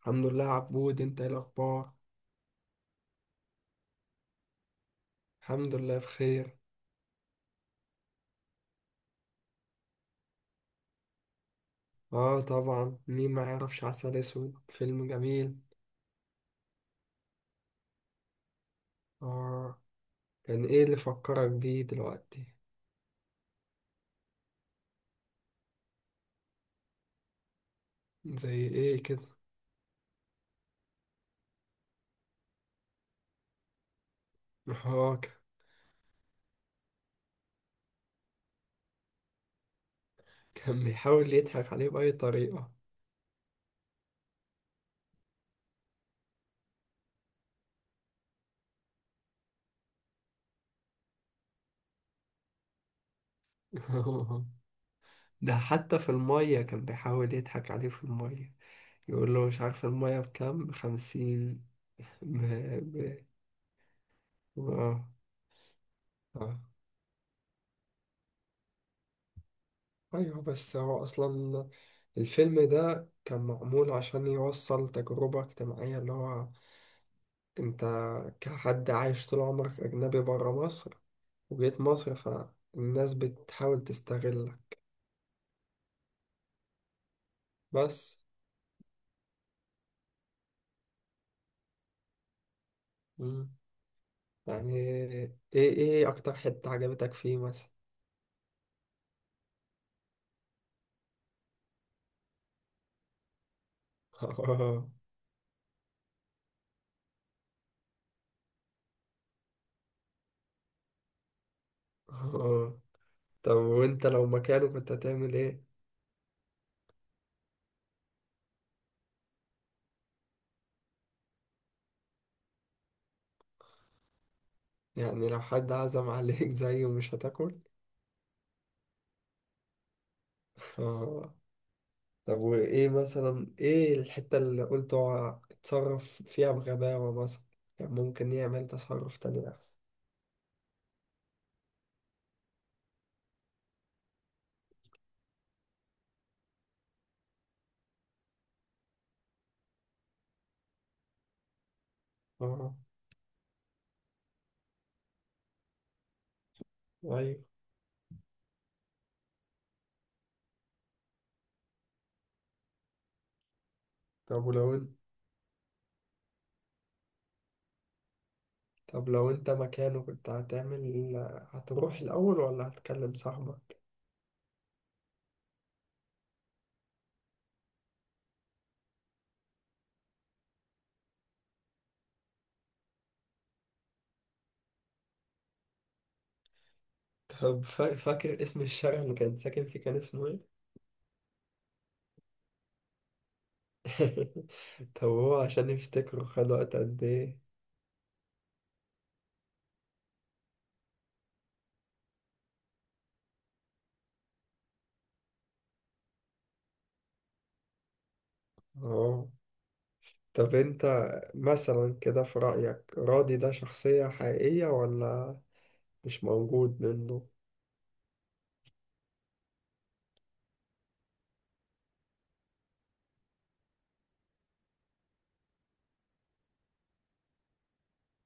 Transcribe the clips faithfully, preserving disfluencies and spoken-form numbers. الحمد لله، عبود. انت ايه الاخبار؟ الحمد لله بخير. اه، طبعا. مين ما يعرفش عسل اسود؟ فيلم جميل. اه. كان ايه اللي فكرك بيه دلوقتي؟ زي ايه كده؟ اه. ك- كان بيحاول يضحك عليه بأي طريقة. ده حتى في المية كان بيحاول يضحك عليه في المية، يقول له: مش عارف المية بكام. بخمسين. ب... ب... اه. آه. أيوه، بس هو أصلا الفيلم ده كان معمول عشان يوصل تجربة اجتماعية، اللي هو أنت، كحد عايش طول عمرك أجنبي برا مصر، وجيت مصر، فالناس بتحاول تستغلك. بس. مم. يعني إيه إيه أكتر حتة عجبتك فيه مثلا؟ آه. طب وأنت لو مكانه كنت هتعمل إيه؟ يعني لو حد عزم عليك زيه مش هتاكل؟ طب وإيه مثلا، إيه الحتة اللي قلت هو اتصرف فيها بغباوة مثلا؟ كان ممكن يعمل تصرف تاني أحسن. آه. أيوة. طب ولو أنت طب لو أنت مكانه كنت هتعمل، هتروح الأول ولا هتكلم صاحبك؟ طب فا- فاكر اسم الشارع اللي كان ساكن فيه؟ كان اسمه إيه؟ طب هو عشان يفتكره خد وقت قد إيه؟ آه. طب أنت مثلا كده في رأيك، راضي ده شخصية حقيقية ولا مش موجود منه؟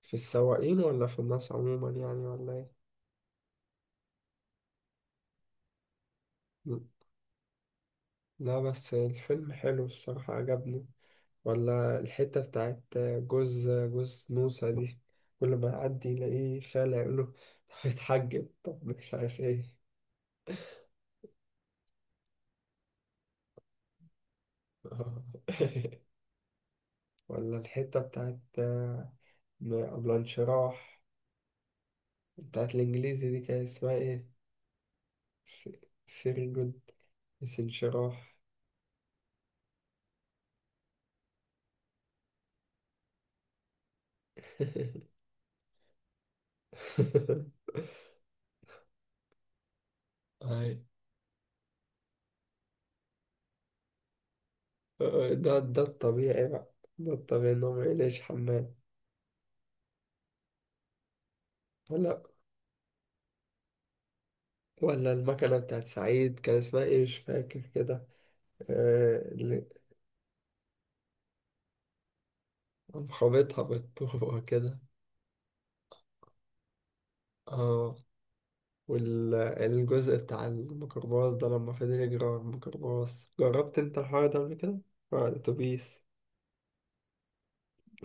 في السواقين ولا في الناس عموما يعني، ولا ايه؟ ل- لا، بس الفيلم حلو، الصراحة عجبني. ولا الحتة بتاعت جوز جوز نوسة دي، كل ما يعدي يلاقيه خالع، يقول له: طب اتحجب، طب مش عارف ايه. ولا الحتة بتاعت م- قبل انشراح، بتاعت الإنجليزي دي، كان اسمها ايه؟ فيري جود. بس انشراح. أي. ده ده الطبيعي بقى، ده الطبيعي إنهم يعيش حمام. ولا ولا المكنة بتاعت سعيد كان اسمها إيه؟ مش فاكر كده. آه، اللي قام خابطها بالطوبة كده. اه. والجزء بتاع الميكروباص ده، لما فضل يجري على الميكروباص، جربت انت الحوار ده قبل كده؟ آه، الأتوبيس.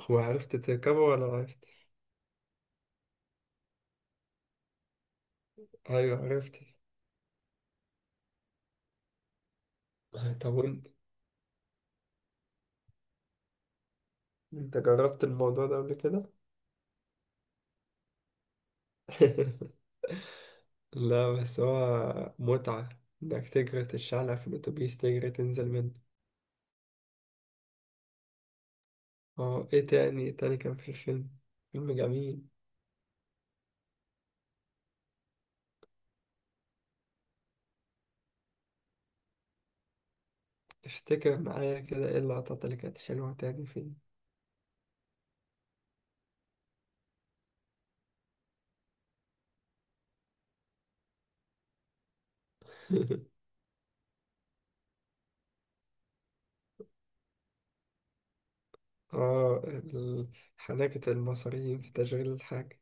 وعرفت تركبه ولا عرفت؟ أيوه، عرفت. آه، طب وانت انت جربت الموضوع ده قبل كده؟ لا، بس هو متعة، انك تجري تتشعلق في الأتوبيس، تجري تنزل منه. اه، ايه تاني تاني كان في الفيلم؟ فيلم جميل. افتكر معايا كده، ايه اللقطات اللي كانت حلوة تاني فيه؟ اه. ال- حنكة المصريين في تشغيل الحاجة.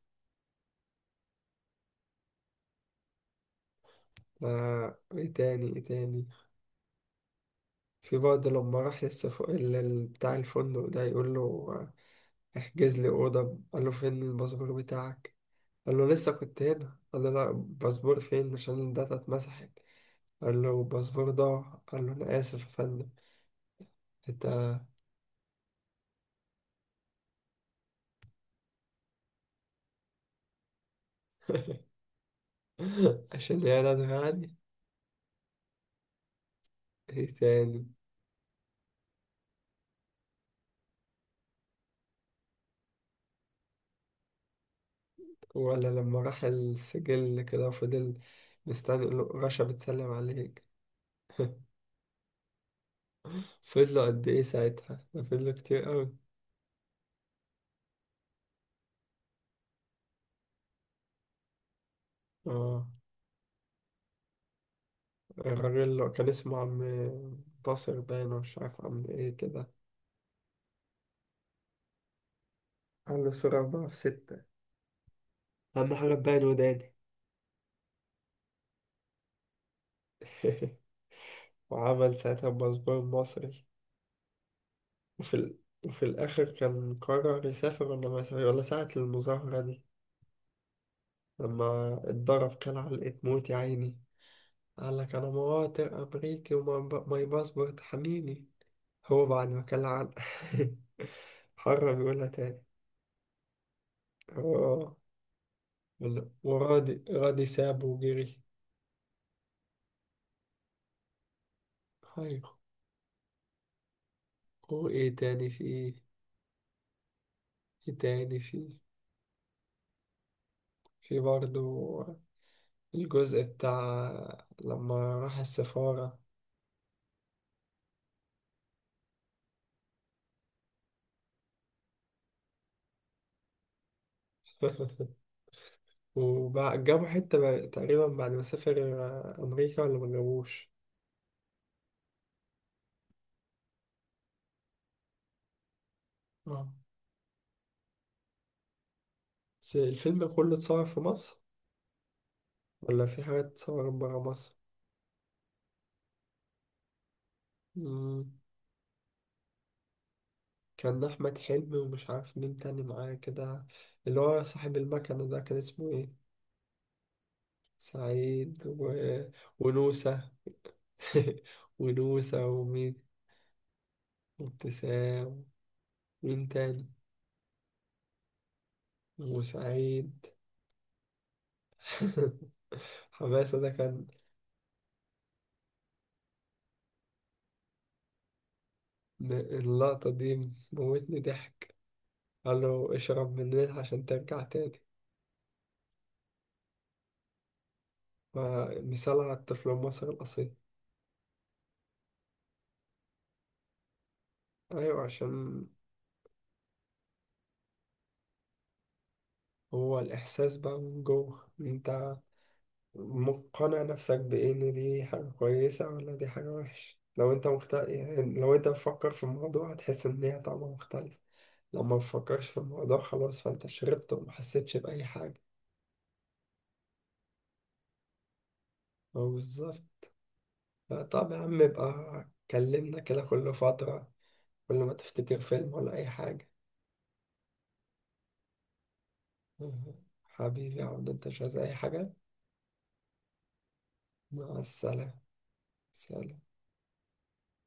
آه، ايه تاني ايه تاني. في برضه لما راح للسف... ال- ال- بتاع الفندق ده، يقول له: آه، احجز لي أوضة. قال له: فين الباسبور بتاعك؟ قال له: لسه كنت هنا. قال له: لا، الباسبور فين؟ عشان الداتا اتمسحت. قال له: الباسبور ضاع. قال له: أنا آسف يا فندم. أنت. عشان يعني أنا عادي. إيه تاني؟ ولا لما راح السجل كده، فضل مستني يقول له: رشا بتسلم عليك. فضلوا قد إيه ساعتها؟ ده فضلوا كتير أوي. آه. الراجل اللي كان اسمه عم ناصر باين، أو مش عارف عم إيه كده. قال له: صورة أربعة في ستة. أهم حاجة تبين وداني. وعمل ساعتها الباسبور المصري. وفي ال... وفي الآخر، كان قرر يسافر ولا ما يسافر؟ ولا ساعة المظاهرة دي، لما اتضرب كان علقة موت، يا عيني. قال لك: أنا مواطن أمريكي وماي باسبورت حميني. هو بعد ما كان علق حرم يقولها تاني. هو، ولا- وراضي راضي سابه وجري. هاي. هو إيه تاني في إيه؟ إيه تاني في في برضه، الجزء بتاع لما راح السفارة. وجابوا حتة بقى- تقريبا، بعد ما سافر آه، أمريكا، ولا ما جابوش؟ اه، بس الفيلم كله اتصور في مصر، ولا في حاجات اتصورت برا مصر؟ مم. كان أحمد حلمي ومش عارف مين تاني معاه كده، اللي هو صاحب المكنة ده، كان اسمه ايه؟ سعيد و... ونوسة. ونوسة ومين؟ وابتسام. مين تاني؟ وسعيد. حماسة ده كان. اللقطة دي موتني ضحك. قال له: اشرب من النيل عشان ترجع تاني. فمثال على الطفل المصري الأصيل. أيوة عشان هو الإحساس بقى من جوه، أنت مقتنع نفسك بإيه؟ إن دي حاجة كويسة ولا دي حاجة وحشة؟ لو أنت مخت... يعني لو أنت بتفكر في الموضوع هتحس إن هي طعمها مختلف. لو ما بتفكرش في الموضوع، خلاص، فأنت شربت وما حسيتش بأي حاجة. هو بالظبط. طب يا عم، يبقى كلمنا كده كل فترة، كل ما تفتكر فيلم ولا أي حاجة. حبيبي يا عبد، انت مش عايز اي حاجة. مع السلامة. سلام.